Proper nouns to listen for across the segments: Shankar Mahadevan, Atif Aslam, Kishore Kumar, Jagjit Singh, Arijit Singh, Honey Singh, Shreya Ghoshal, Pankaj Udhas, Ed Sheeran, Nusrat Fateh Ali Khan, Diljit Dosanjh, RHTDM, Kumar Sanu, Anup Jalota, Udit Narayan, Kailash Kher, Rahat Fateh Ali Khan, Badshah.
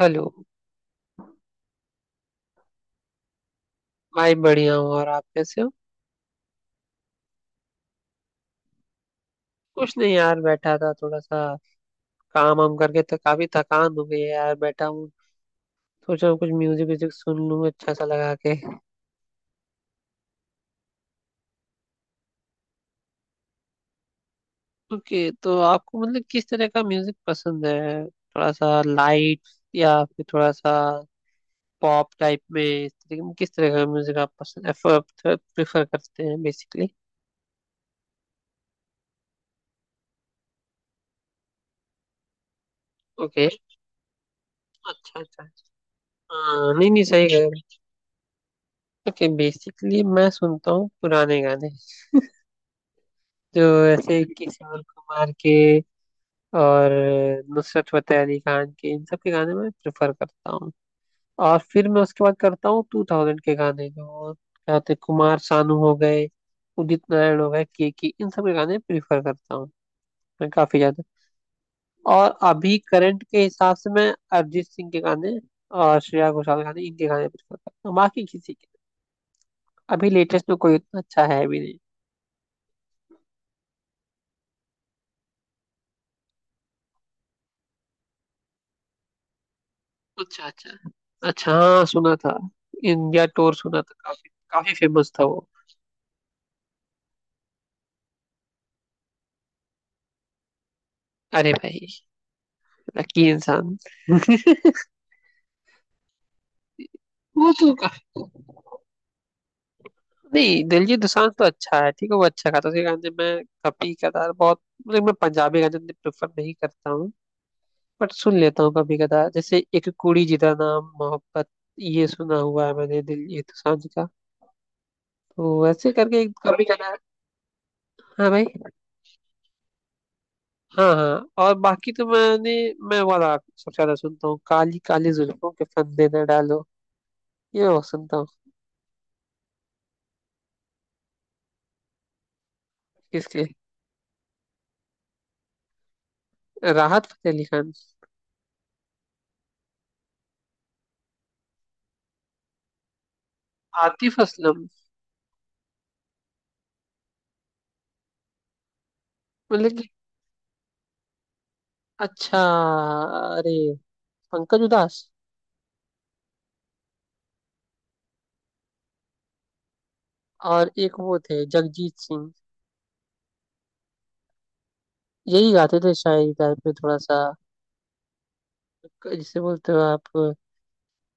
Hello. भाई बढ़िया हूँ, और आप कैसे हो? कुछ नहीं यार, बैठा था थोड़ा सा। काम वाम करके तो काफी थकान हो गई है यार, बैठा हूँ। सोचा हूँ कुछ म्यूजिक व्यूजिक सुन लूँ अच्छा सा लगा के। ओके, तो आपको मतलब किस तरह का म्यूजिक पसंद है? थोड़ा सा लाइट या फिर थोड़ा सा पॉप टाइप में, इस तरह किस तरह का म्यूजिक आप पसंद प्रेफर करते हैं बेसिकली? ओके। अच्छा अच्छा अच्छा। हाँ नहीं नहीं, सही कह रहे। ओके, बेसिकली मैं सुनता हूँ पुराने गाने, जो ऐसे किशोर कुमार के और नुसरत फतेह अली खान के, इन सब के गाने मैं प्रेफर करता हूँ। और फिर मैं उसके बाद करता हूँ 2000 के गाने, जो क्या होते हैं, कुमार सानू हो गए, उदित नारायण हो गए, के, इन सब के गाने प्रेफर करता हूँ मैं काफी ज्यादा। और अभी करंट के हिसाब से मैं अरिजीत सिंह के गाने और श्रेया घोषाल के गाने, इनके गाने प्रेफर करता हूँ, बाकी किसी के अभी लेटेस्ट में कोई उतना अच्छा है भी नहीं। अच्छा अच्छा। अच्छा हाँ, सुना था। इंडिया टूर सुना था, काफी काफी फेमस था वो। अरे भाई, लकी इंसान। वो तो काफी। नहीं, दिलजीत दोसांझ तो अच्छा है, ठीक है, वो अच्छा गाता है, उसके गाने मैं कभी कदार बहुत। मतलब मैं पंजाबी गाने इतने प्रेफर नहीं करता हूँ, बट सुन लेता हूँ कभी कदार, जैसे एक कुड़ी जिदा नाम मोहब्बत, ये सुना हुआ है मैंने दिलजीत दोसांझ का। तो वैसे करके एक कभी कदार। हाँ भाई। हाँ हाँ, और बाकी तो मैंने, मैं वाला सबसे ज्यादा सुनता हूँ, काली काली जुल्फों के फंदे न डालो, ये वो सुनता हूँ। किसके? राहत फतेह अली खान? आतिफ असलम? मतलब कि, अच्छा, अरे, पंकज उधास। और एक वो थे जगजीत सिंह, यही गाते थे शायरी टाइप में थोड़ा सा, जिसे बोलते हो आप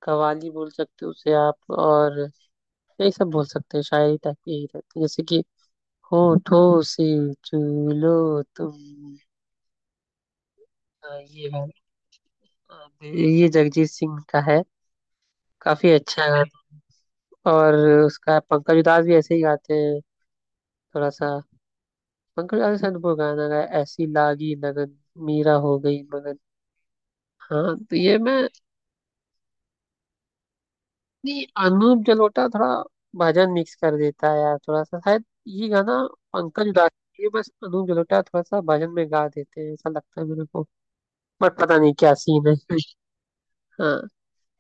कवाली, बोल सकते हो उसे आप। और यही सब बोल सकते हैं शायरी टाइप, यही रहती है, जैसे कि होठों से चूलो तुम। हाँ, ये वाला ये जगजीत सिंह का है, काफी अच्छा गाना। और उसका पंकज उधास भी ऐसे ही गाते हैं थोड़ा सा। पंकज उधास ने शायद वो गाना गाया, ऐसी लागी लगन, मीरा हो गई मगन। हाँ तो ये मैं। नहीं, अनूप जलोटा थोड़ा भजन मिक्स कर देता है यार थोड़ा सा, शायद ये गाना पंकज उधास। ये बस अनूप जलोटा थोड़ा सा भजन में गा देते हैं, ऐसा लगता है मेरे को, बट पता नहीं क्या सीन है। हाँ।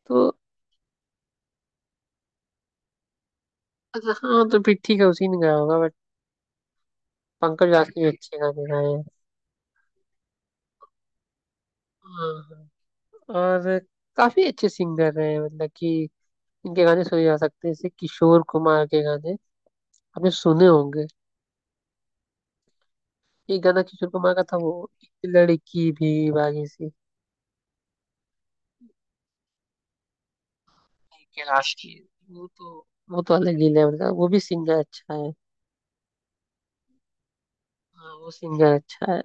तो अच्छा हाँ, तो फिर ठीक है, उसी ने गाया होगा, बट पंकज उधास ने भी अच्छे गाने गाए हैं। हाँ हाँ। और काफी अच्छे सिंगर रहे हैं, मतलब कि इनके गाने सुने जा सकते हैं, जैसे किशोर कुमार के गाने आपने सुने होंगे। एक गाना किशोर कुमार का था वो, एक लड़की भी बागी सी। कैलाश की? वो तो अलग ही लेवल का, वो भी सिंगर अच्छा है। हाँ वो सिंगर अच्छा है।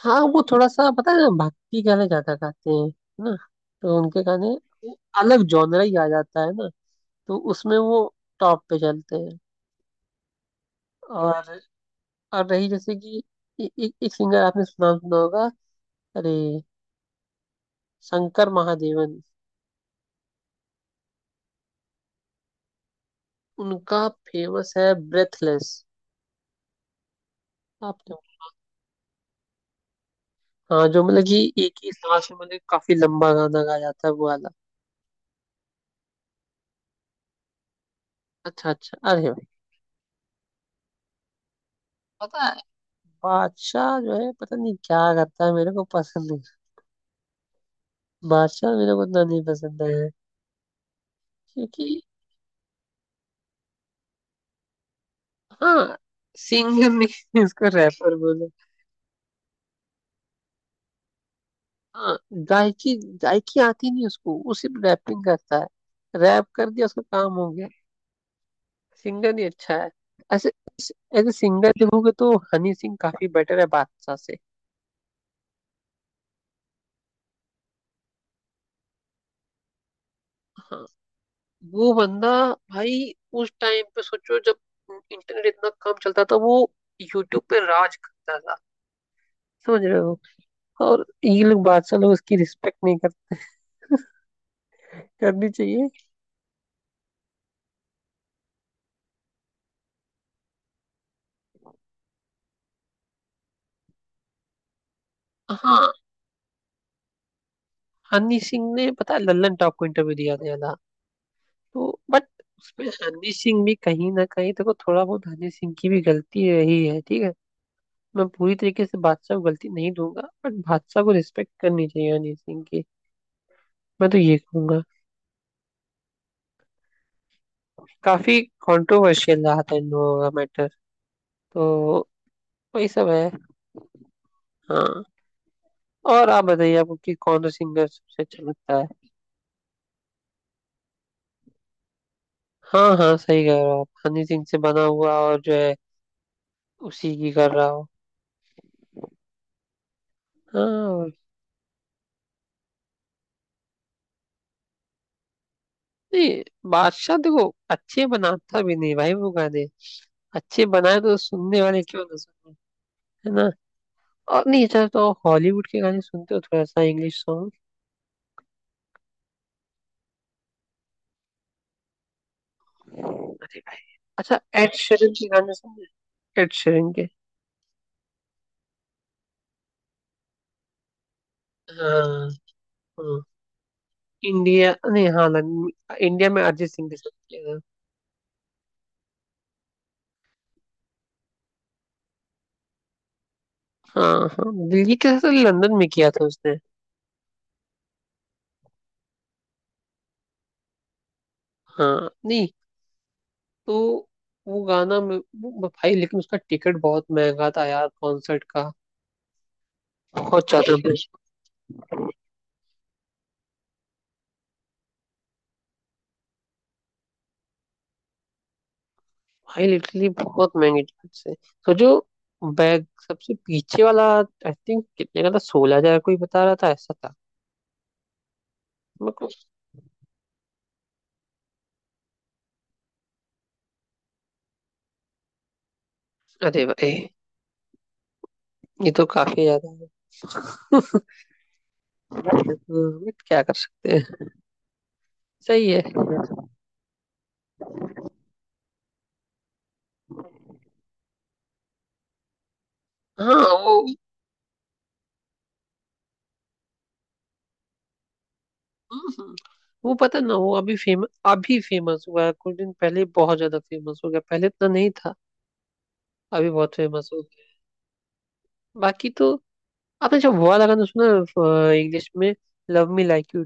हाँ वो थोड़ा सा, पता है ना, भक्ति गाने ज्यादा गाते हैं है ना, तो उनके गाने, वो अलग जॉनरा ही आ जाता है ना, तो उसमें वो टॉप पे चलते हैं। और और रही जैसे कि, ए, ए, एक सिंगर, आपने सुना सुना होगा, अरे, शंकर महादेवन। उनका फेमस है ब्रेथलेस। आपने, हाँ, जो मतलब कि एक ही सांस में, मतलब काफी लंबा गाना गाया जाता है वो वाला। अच्छा अच्छा, अरे भाई, पता है, बादशाह जो है, पता नहीं क्या करता है, मेरे को पसंद नहीं। बादशाह मेरे को उतना नहीं पसंद है, क्योंकि, हाँ, सिंगर नहीं इसको रैपर। हाँ गायकी, गायकी आती नहीं उसको, वो सिर्फ रैपिंग करता है, रैप कर दिया, उसका काम हो गया। सिंगर ही अच्छा है। ऐसे, ऐसे सिंगर देखोगे तो हनी सिंह काफी बेटर है बादशाह से। हाँ वो बंदा, भाई उस टाइम पे सोचो, जब इंटरनेट इतना कम चलता था, वो यूट्यूब पे राज करता था, समझ रहे हो। और ये लोग बादशाह लोग उसकी रिस्पेक्ट नहीं करते। करनी चाहिए। हाँ। हनी सिंह ने पता है लल्लन टॉप को इंटरव्यू दिया था, तो बट उसमें हनी सिंह भी, कहीं ना कहीं देखो थोड़ा बहुत हनी सिंह की भी गलती रही है, ठीक है। मैं पूरी तरीके से बादशाह को गलती नहीं दूंगा, बट बादशाह को रिस्पेक्ट करनी चाहिए हनी सिंह की, मैं तो ये कहूंगा। काफी कंट्रोवर्शियल रहा था इन लोगों का मैटर, तो वही सब है। हाँ। और आप बताइए आपको कि कौन सा सिंगर सबसे अच्छा लगता है। हाँ हाँ, सही कह रहे हो आप, हनी सिंह से बना हुआ और जो है उसी की कर रहा हो। हाँ। और नहीं, बादशाह देखो अच्छे बनाता भी नहीं भाई वो गाने, अच्छे बनाए तो सुनने वाले क्यों ना सुने, है ना। और, नहीं अच्छा, तो हॉलीवुड के गाने सुनते हो थोड़ा सा, इंग्लिश सॉन्ग? अरे भाई अच्छा, एड शेरन के गाने सुने? एड शेरन के। हाँ। हाँ इंडिया नहीं, हाँ, इंडिया में अरिजीत सिंह के साथ किया था। हाँ हाँ, दिल्ली के साथ लंदन में किया था उसने। हाँ नहीं, तो वो गाना में भाई, लेकिन उसका टिकट बहुत महंगा था यार कॉन्सर्ट का, बहुत ज्यादा। भाई लिटरली बहुत महंगी टिकट्स है। सोचो, बैग सबसे पीछे वाला, आई थिंक कितने का था, 16,000 कोई बता रहा था, ऐसा था मेरे को। अरे भाई ये तो काफी ज्यादा है, बट क्या कर सकते हैं। सही है। हाँ वो। हम्म, वो पता ना, वो अभी फेमस, अभी फेमस हुआ है कुछ दिन पहले, बहुत ज्यादा फेमस हो गया, पहले इतना नहीं था, अभी बहुत फेमस हो गया। बाकी तो, आपने जब वो वाला गाना सुना इंग्लिश में, लव मी लाइक यू।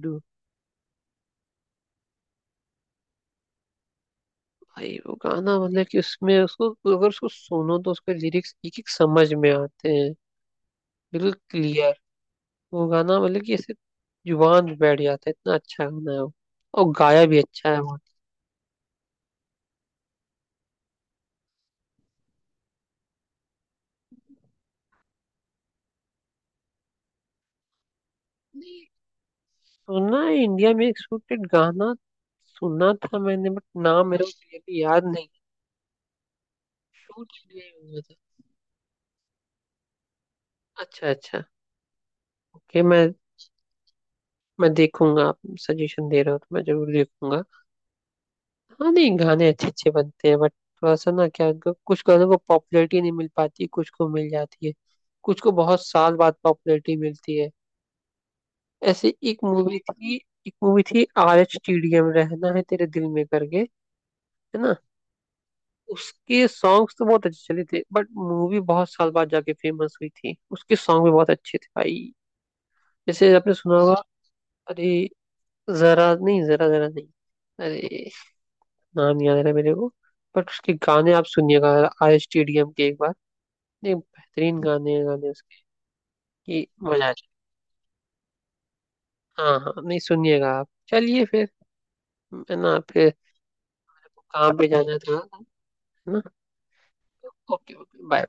भाई वो गाना, मतलब कि उसमें उसको, अगर उसको सुनो तो उसके लिरिक्स एक एक समझ में आते हैं, बिल्कुल क्लियर। वो गाना मतलब कि ऐसे जुबान पे बैठ जाता है, इतना अच्छा गाना है वो, और गाया भी अच्छा है वो। नहीं, सुना है इंडिया में एक शूटेड गाना, सुना था मैंने, बट नाम मेरे को क्लियरली याद नहीं। शूट इंडिया में हुआ था, अच्छा अच्छा। ओके मैं देखूंगा, आप सजेशन दे रहे हो तो मैं जरूर देखूंगा। हाँ नहीं, गाने अच्छे अच्छे बनते हैं, बट थोड़ा सा ना, क्या कुछ गानों को पॉपुलैरिटी नहीं मिल पाती, कुछ को मिल जाती है, कुछ को बहुत साल बाद पॉपुलैरिटी मिलती है। ऐसे एक मूवी थी, एक मूवी थी RHTDM, रहना है तेरे दिल में, करके है ना, उसके सॉन्ग्स तो बहुत अच्छे चले थे, बट मूवी बहुत साल बाद जाके फेमस हुई थी, उसके सॉन्ग भी बहुत अच्छे थे भाई, जैसे आपने सुना होगा, अरे, जरा नहीं। अरे नाम याद आ रहा है मेरे को, बट उसके गाने आप सुनिएगा RHTDM के एक बार, नहीं बेहतरीन गाने हैं, गाने उसके, कि मजा आ जाए। हाँ हाँ, नहीं सुनिएगा आप, चलिए फिर, है ना, फिर काम पे जाना था है ना। Okay okay bye.